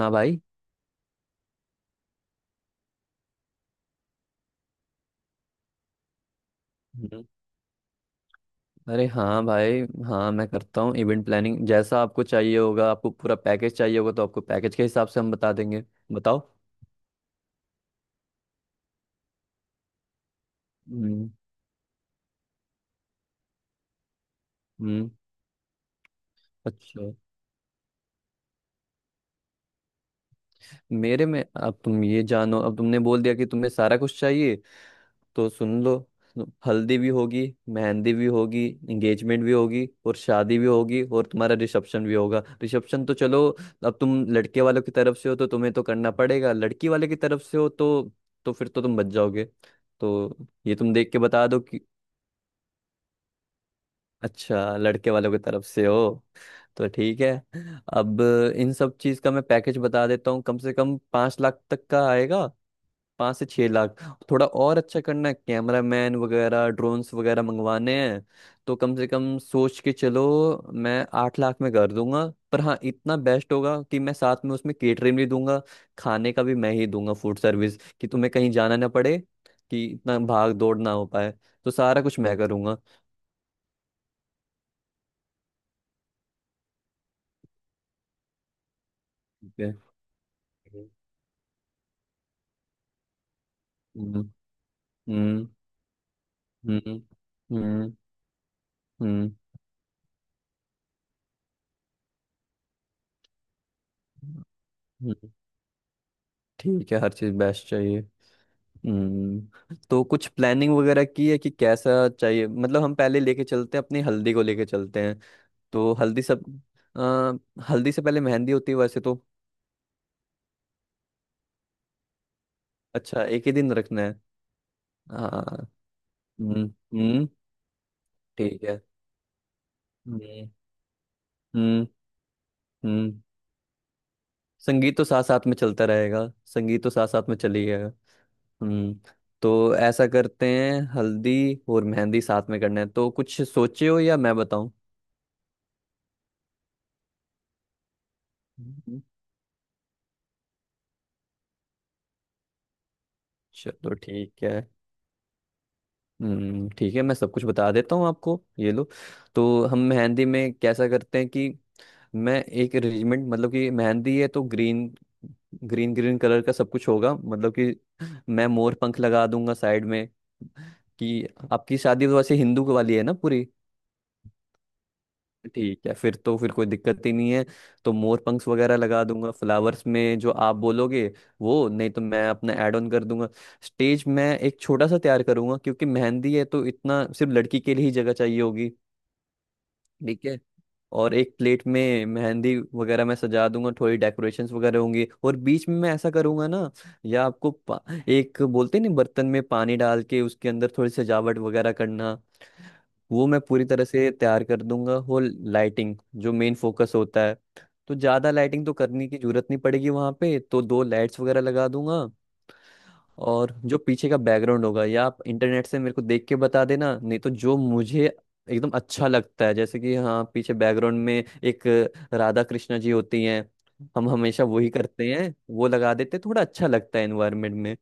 हाँ भाई। हम्म। अरे हाँ भाई। हाँ, मैं करता हूँ इवेंट प्लानिंग, जैसा आपको चाहिए होगा। आपको पूरा पैकेज चाहिए होगा तो आपको पैकेज के हिसाब से हम बता देंगे। बताओ। हम्म। हम्म। अच्छा। मेरे में अब तुम ये जानो, अब तुमने बोल दिया कि तुम्हें सारा कुछ चाहिए तो सुन लो। हल्दी भी होगी, मेहंदी भी होगी, एंगेजमेंट भी होगी और शादी भी होगी और तुम्हारा रिसेप्शन भी होगा। रिसेप्शन तो चलो, अब तुम लड़के वालों की तरफ से हो तो तुम्हें तो करना पड़ेगा, लड़की वाले की तरफ से हो तो फिर तो तुम बच जाओगे। तो ये तुम देख के बता दो कि। अच्छा, लड़के वालों की तरफ से हो, तो ठीक है। अब इन सब चीज़ का मैं पैकेज बता देता हूँ। कम से कम 5 लाख तक का आएगा, 5 से 6 लाख। थोड़ा और अच्छा करना है, कैमरा मैन वगैरह, ड्रोन्स वगैरह मंगवाने हैं तो कम से कम सोच के चलो, मैं 8 लाख में कर दूंगा। पर हाँ, इतना बेस्ट होगा कि मैं साथ में उसमें केटरिंग भी दूंगा, खाने का भी मैं ही दूंगा, फूड सर्विस, कि तुम्हें कहीं जाना ना पड़े, कि इतना भाग दौड़ ना हो पाए, तो सारा कुछ मैं करूंगा। ठीक है। हम्म। हम्म। हम्म। हम्म। हम्म। हम्म, ठीक है, हर चीज बेस्ट चाहिए। हम्म, तो कुछ प्लानिंग वगैरह की है कि कैसा चाहिए? मतलब हम पहले लेके चलते हैं, अपनी हल्दी को लेके चलते हैं। तो हल्दी सब, हल्दी से पहले मेहंदी होती है वैसे तो। अच्छा, एक ही दिन रखना है। हाँ। हम्म। हम्म। ठीक है। हम्म। हम्म। हम्म। संगीत तो साथ साथ में चलता रहेगा, संगीत तो साथ साथ में चली जाएगा। हम्म, तो ऐसा करते हैं, हल्दी और मेहंदी साथ में करना है तो कुछ सोचे हो या मैं बताऊं? हम्म, चलो, ठीक है। हम्म, ठीक है, मैं सब कुछ बता देता हूँ आपको, ये लो। तो हम मेहंदी में कैसा करते हैं कि मैं एक अरेंजमेंट, मतलब कि मेहंदी है तो ग्रीन, ग्रीन कलर का सब कुछ होगा, मतलब कि मैं मोर पंख लगा दूंगा साइड में। कि आपकी शादी तो वैसे हिंदू वाली है ना पूरी? ठीक है, फिर तो फिर कोई दिक्कत ही नहीं है। तो मोर पंख वगैरह लगा दूंगा, फ्लावर्स में जो आप बोलोगे। वो नहीं तो मैं अपना ऐड ऑन कर दूंगा। स्टेज मैं एक छोटा सा तैयार करूंगा, क्योंकि मेहंदी है तो इतना सिर्फ लड़की के लिए ही जगह चाहिए होगी। ठीक है। और एक प्लेट में मेहंदी वगैरह मैं सजा दूंगा, थोड़ी डेकोरेशंस वगैरह होंगी, और बीच में मैं ऐसा करूंगा ना। या आपको पा- एक बोलते हैं ना, बर्तन में पानी डाल के उसके अंदर थोड़ी सजावट वगैरह करना, वो मैं पूरी तरह से तैयार कर दूंगा। होल लाइटिंग जो मेन फोकस होता है, तो ज़्यादा लाइटिंग तो करने की जरूरत नहीं पड़ेगी वहाँ पे, तो दो लाइट्स वगैरह लगा दूंगा। और जो पीछे का बैकग्राउंड होगा, या आप इंटरनेट से मेरे को देख के बता देना, नहीं तो जो मुझे एकदम अच्छा लगता है, जैसे कि हाँ, पीछे बैकग्राउंड में एक राधा कृष्णा जी होती हैं, हम हमेशा वही करते हैं, वो लगा देते, थोड़ा अच्छा लगता है एनवायरनमेंट में।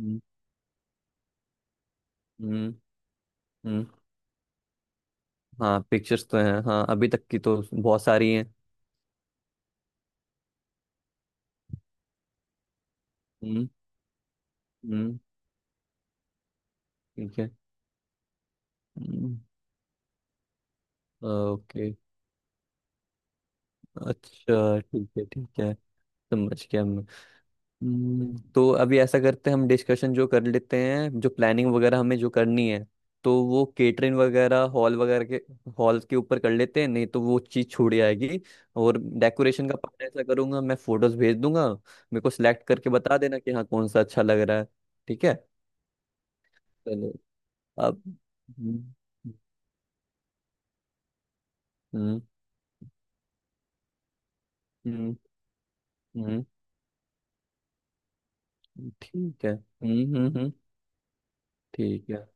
हम्म। हम्म। हम्म, हाँ, पिक्चर्स तो हैं, हाँ अभी तक की तो बहुत सारी हैं। हम्म। हम्म। ठीक है। हम्म। ओके। अच्छा, ठीक है, ठीक है, समझ गया मैं। तो अभी ऐसा करते हैं, हम डिस्कशन जो कर लेते हैं, जो प्लानिंग वगैरह हमें जो करनी है, तो वो केटरिंग वगैरह, हॉल वगैरह के हॉल के ऊपर कर लेते हैं, नहीं तो वो चीज़ छूट जाएगी। और डेकोरेशन का पार्ट ऐसा करूंगा, मैं फोटोज भेज दूंगा, मेरे को सिलेक्ट करके बता देना कि हाँ कौन सा अच्छा लग रहा है। ठीक है, चलो। अब। हम्म। हम्म। हम्म। हम्म, ठीक है। हम्म। हम्म। हम्म। ठीक है।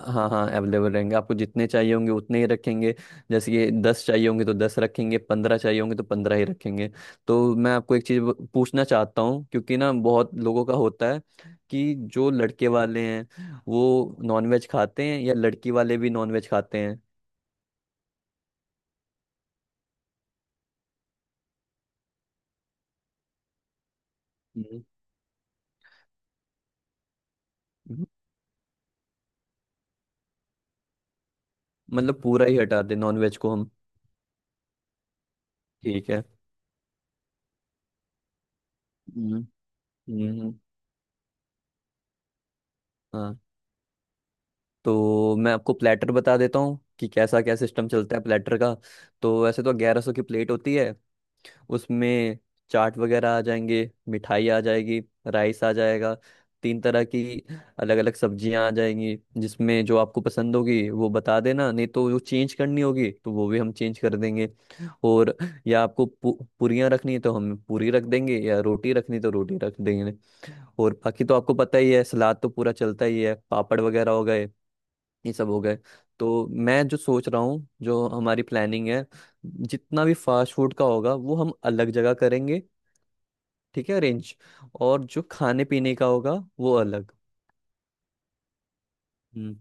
हाँ हाँ, अवेलेबल रहेंगे, आपको जितने चाहिए होंगे उतने ही रखेंगे। जैसे कि 10 चाहिए होंगे तो 10 रखेंगे, 15 चाहिए होंगे तो 15 ही रखेंगे। तो मैं आपको एक चीज़ पूछना चाहता हूँ, क्योंकि ना बहुत लोगों का होता है कि जो लड़के वाले हैं वो नॉनवेज खाते हैं या लड़की वाले भी नॉनवेज खाते हैं। हम्म। हम्म। मतलब पूरा ही हटा दें नॉनवेज को हम? ठीक है। हम्म। हम्म। हाँ। तो मैं आपको प्लेटर बता देता हूँ कि कैसा क्या सिस्टम चलता है प्लेटर का। तो वैसे तो 1100 की प्लेट होती है। उसमें चाट वगैरह आ जाएंगे, मिठाई आ जाएगी, राइस आ जाएगा, तीन तरह की अलग अलग सब्जियां आ जाएंगी, जिसमें जो आपको पसंद होगी वो बता देना, नहीं तो जो चेंज करनी होगी तो वो भी हम चेंज कर देंगे। और या आपको पू, पूरियां रखनी है तो हम पूरी रख देंगे, या रोटी रखनी तो रोटी रख देंगे। और बाकी तो आपको पता ही है, सलाद तो पूरा चलता ही है, पापड़ वगैरह हो गए, ये सब हो गए। तो मैं जो सोच रहा हूँ, जो हमारी प्लानिंग है, जितना भी फास्ट फूड का होगा वो हम अलग जगह करेंगे। ठीक है, अरेंज, और जो खाने पीने का होगा वो अलग। हम्म।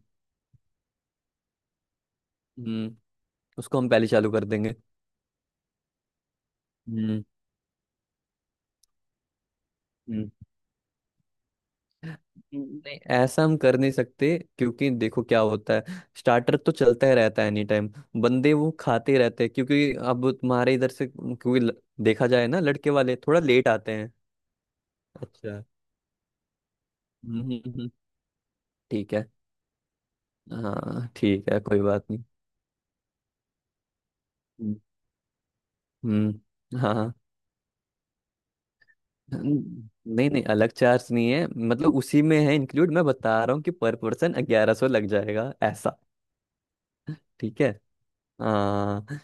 हम्म। उसको हम पहले चालू कर देंगे। हम्म। हम्म। नहीं, ऐसा हम कर नहीं सकते, क्योंकि देखो क्या होता है, स्टार्टर तो चलता ही रहता है एनी टाइम, बंदे वो खाते ही रहते हैं, क्योंकि अब तुम्हारे इधर से, क्योंकि देखा जाए ना, लड़के वाले थोड़ा लेट आते हैं। अच्छा। हम्म। ठीक है, हाँ ठीक है, कोई बात नहीं। हम्म। हाँ हाँ। नहीं नहीं, अलग चार्ज नहीं है, मतलब उसी में है इंक्लूड, मैं बता रहा हूँ कि पर पर्सन 1100 लग जाएगा ऐसा। ठीक है। हाँ।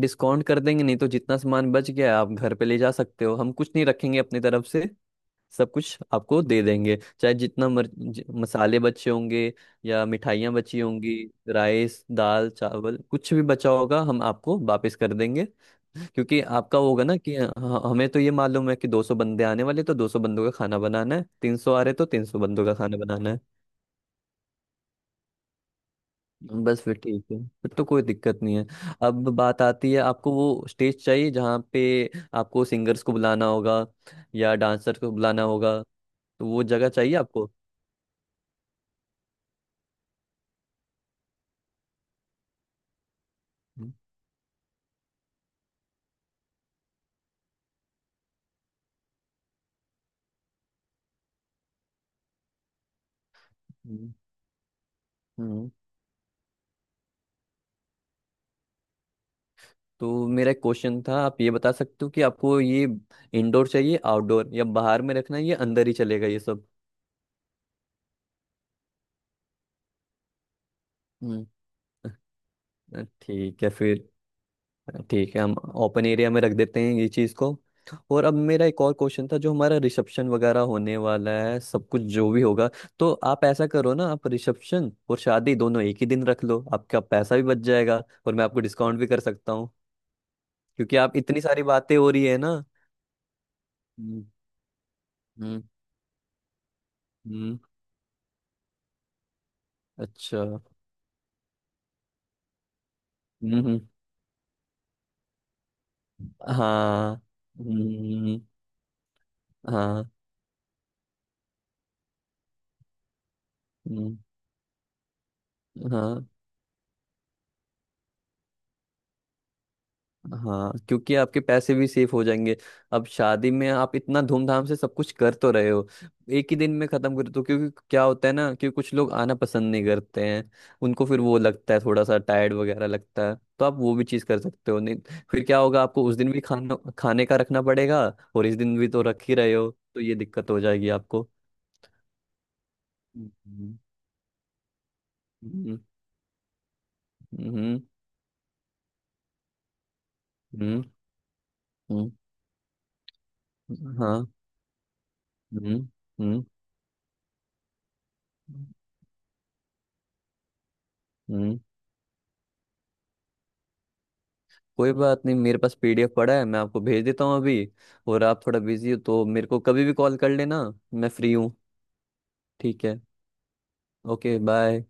डिस्काउंट कर देंगे, नहीं तो जितना सामान बच गया आप घर पे ले जा सकते हो, हम कुछ नहीं रखेंगे अपनी तरफ से। सब कुछ आपको दे देंगे, चाहे जितना मसाले बचे होंगे या मिठाइयाँ बची होंगी, राइस दाल चावल कुछ भी बचा होगा हम आपको वापस कर देंगे। क्योंकि आपका वो होगा ना कि हमें तो ये मालूम है कि 200 बंदे आने वाले, तो 200 बंदों का खाना बनाना है, 300 आ रहे तो 300 बंदों का खाना बनाना है। बस फिर ठीक है, फिर तो कोई दिक्कत नहीं है। अब बात आती है, आपको वो स्टेज चाहिए जहाँ पे आपको सिंगर्स को बुलाना होगा या डांसर को बुलाना होगा, तो वो जगह चाहिए आपको। हम्म, तो मेरा एक क्वेश्चन था, आप ये बता सकते हो कि आपको ये इंडोर चाहिए आउटडोर, या बाहर में रखना है या अंदर ही चलेगा ये सब? हम्म। ठीक है फिर, ठीक है, हम ओपन एरिया में रख देते हैं ये चीज़ को। और अब मेरा एक और क्वेश्चन था, जो हमारा रिसेप्शन वगैरह होने वाला है, सब कुछ जो भी होगा, तो आप ऐसा करो ना, आप रिसेप्शन और शादी दोनों एक ही दिन रख लो, आपका पैसा भी बच जाएगा और मैं आपको डिस्काउंट भी कर सकता हूँ, क्योंकि आप इतनी सारी बातें हो रही है ना। हम्म। हम्म। हम्म, अच्छा। हम्म। हम्म। हाँ। हम्म, हाँ। हम्म, हाँ। हाँ, क्योंकि आपके पैसे भी सेफ हो जाएंगे। अब शादी में आप इतना धूमधाम से सब कुछ कर तो रहे हो, एक ही दिन में खत्म कर तो, क्योंकि क्या होता है ना कि कुछ लोग आना पसंद नहीं करते हैं, उनको फिर वो लगता है थोड़ा सा टायर्ड वगैरह लगता है, तो आप वो भी चीज कर सकते हो नहीं। फिर क्या होगा, आपको उस दिन भी खाना खाने का रखना पड़ेगा और इस दिन भी तो रख ही रहे हो, तो ये दिक्कत हो जाएगी आपको। हम्म। हम्म। हम्म। हम्म। हम्म, हाँ। हम्म। हम्म। हम्म। कोई बात नहीं, मेरे पास पीडीएफ पड़ा है, मैं आपको भेज देता हूँ अभी। और आप थोड़ा बिजी हो तो मेरे को कभी भी कॉल कर लेना, मैं फ्री हूँ। ठीक है, ओके, बाय।